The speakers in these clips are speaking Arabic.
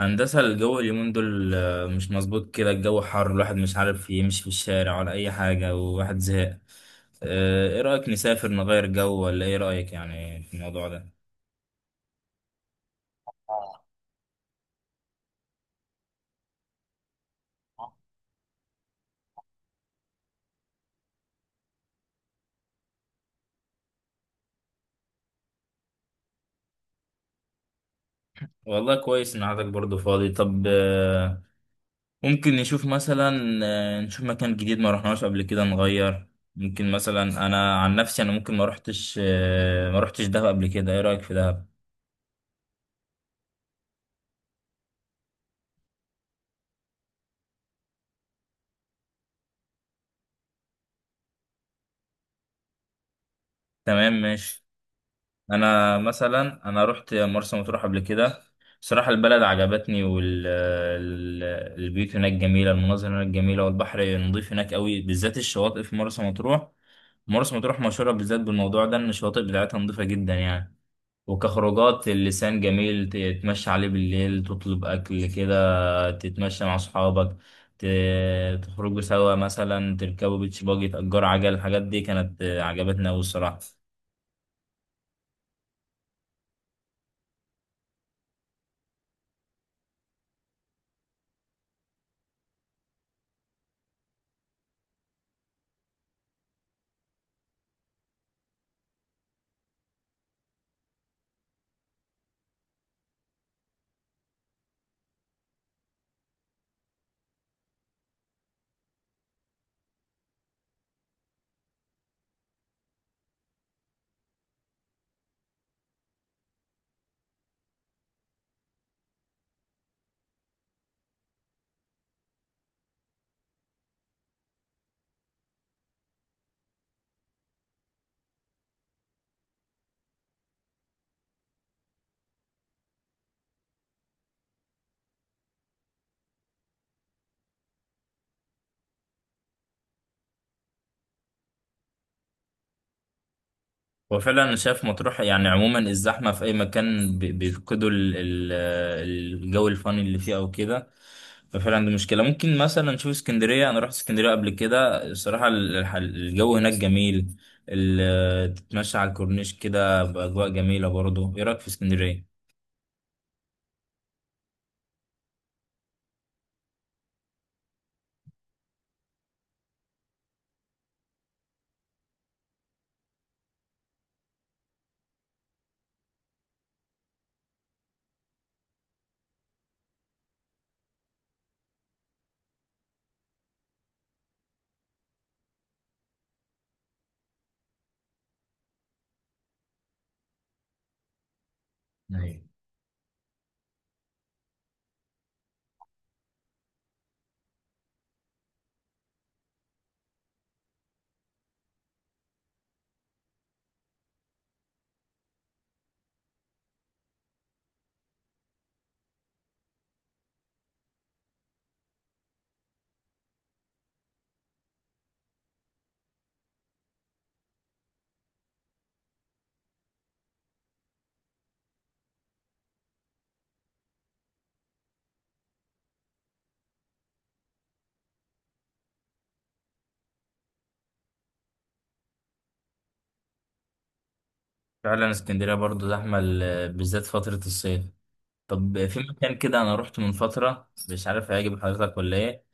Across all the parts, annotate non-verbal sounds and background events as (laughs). هندسة، الجو اليومين دول مش مظبوط كده. الجو حر، الواحد مش عارف يمشي في الشارع ولا أي حاجة، وواحد زهق. إيه رأيك نسافر نغير جو؟ ولا إيه رأيك يعني في الموضوع ده؟ والله كويس إن عندك برضه فاضي. طب، ممكن نشوف مثلا، نشوف مكان جديد ما رحناش قبل كده نغير. ممكن مثلا، أنا عن نفسي أنا ممكن ما رحتش، ما رحتش دهب قبل كده. إيه رأيك في دهب؟ تمام، ماشي. انا مثلا رحت مرسى مطروح قبل كده. بصراحه البلد عجبتني، والبيوت هناك جميله، المناظر هناك جميله، والبحر نظيف هناك قوي، بالذات الشواطئ في مرسى مطروح. مرسى مطروح مشهوره بالذات بالموضوع ده، ان الشواطئ بتاعتها نظيفه جدا يعني. وكخروجات اللسان جميل، تتمشى عليه بالليل، تطلب اكل كده، تتمشى مع اصحابك، تخرجوا سوا، مثلا تركبوا بيتش باجي، تأجروا عجل. الحاجات دي كانت عجبتنا قوي الصراحه. هو فعلا انا شايف مطروح يعني عموما الزحمه في اي مكان بيفقدوا الجو الفاني اللي فيه او كده. ففعلا دي مشكله. ممكن مثلا نشوف اسكندريه، انا رحت اسكندريه قبل كده. الصراحه الجو هناك جميل، تتمشى على الكورنيش كده باجواء جميله برضه. ايه رايك في اسكندريه؟ أيوة. فعلا اسكندريه برضه زحمه بالذات فتره الصيف. طب في مكان كده انا رحت من فتره، مش عارف هيعجب حضرتك ولا ايه.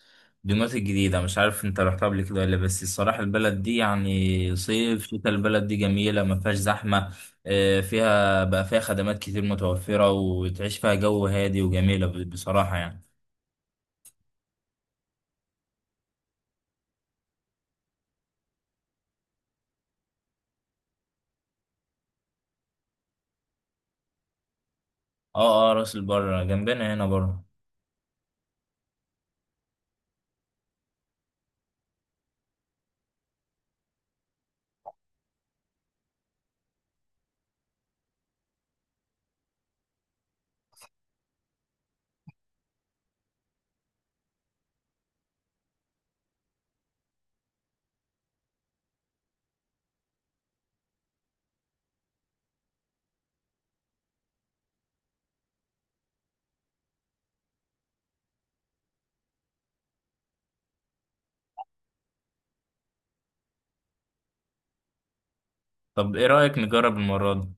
دمياط الجديدة، مش عارف انت رحتها قبل كده ولا، بس الصراحة البلد دي يعني صيف شتاء البلد دي جميلة، ما فيهاش زحمة. اه، فيها بقى، فيها خدمات كتير متوفرة، وتعيش فيها جو هادي وجميلة بصراحة يعني. اه اه، راس البر جنبنا هنا بره. طب ايه رأيك نجرب المرة دي؟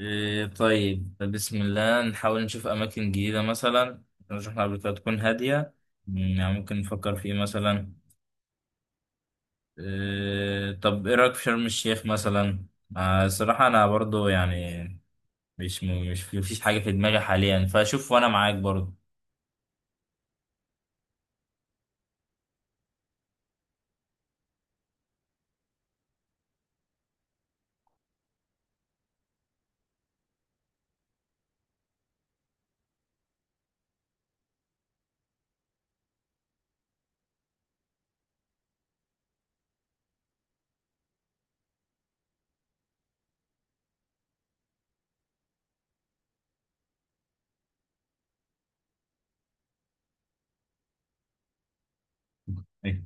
اه، طيب بسم الله، نحاول نشوف أماكن جديدة مثلا رحنا قبل كده، تكون هادية. مم، يعني ممكن نفكر في ايه مثلا؟ إيه، طب ايه رايك في شرم الشيخ مثلا؟ الصراحه انا برضو يعني، مش مفيش حاجه في دماغي حاليا، فشوف وانا معاك برضو. (laughs) إيه؟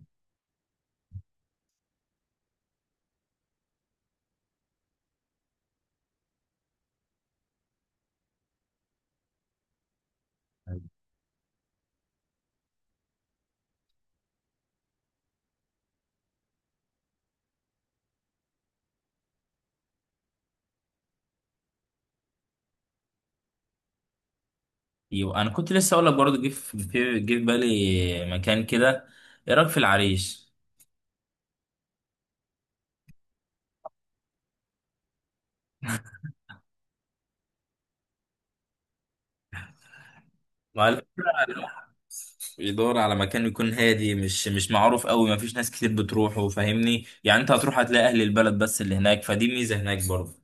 ايوه، انا كنت لسه اقول لك برضه، جه في جه في بالي مكان كده. ايه رايك في العريش؟ مع الفكره. الواحد يدور على مكان يكون هادي، مش معروف قوي، ما فيش ناس كتير بتروحه. فاهمني يعني، انت هتروح هتلاقي اهل البلد بس اللي هناك، فدي ميزه هناك برضه.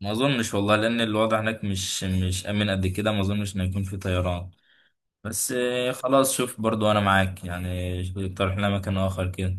ما اظنش والله، لان الوضع هناك مش امن قد كده، ما اظنش ان يكون في طيران. بس خلاص شوف برضو، انا معاك يعني. اقترح لنا مكان اخر كده.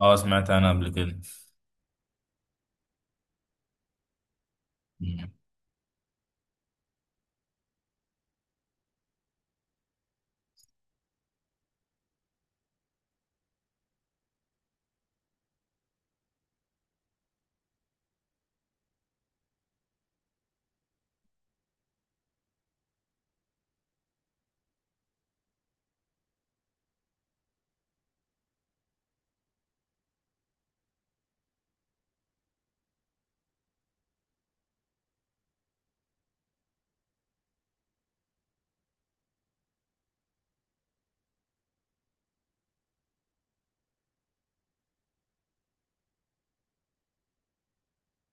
اه سمعت انا قبل كده. مم.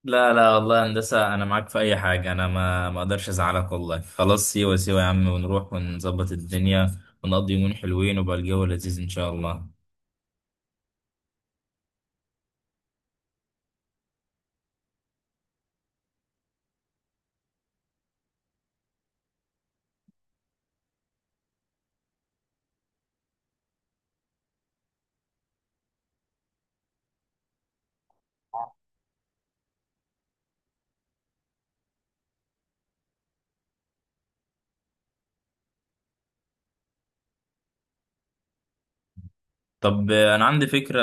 لا لا، والله هندسة انا معاك في اي حاجة، انا ما اقدرش ازعلك والله. خلاص، سيوة سيوة يا عم، ونروح ونظبط الدنيا ونقضي يومين حلوين، وبقى الجو لذيذ ان شاء الله. طب انا عندي فكرة.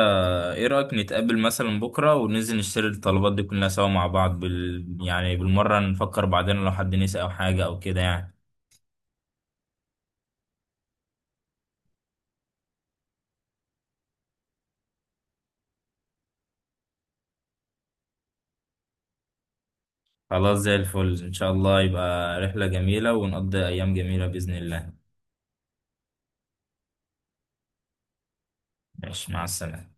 ايه رأيك نتقابل مثلا بكرة وننزل نشتري الطلبات دي كلها سوا مع بعض بال... يعني بالمرة، نفكر بعدين لو حد نسي او حاجة او كده يعني. خلاص زي الفل إن شاء الله، يبقى رحلة جميلة ونقضي أيام جميلة بإذن الله. ماشي، مع السلامة.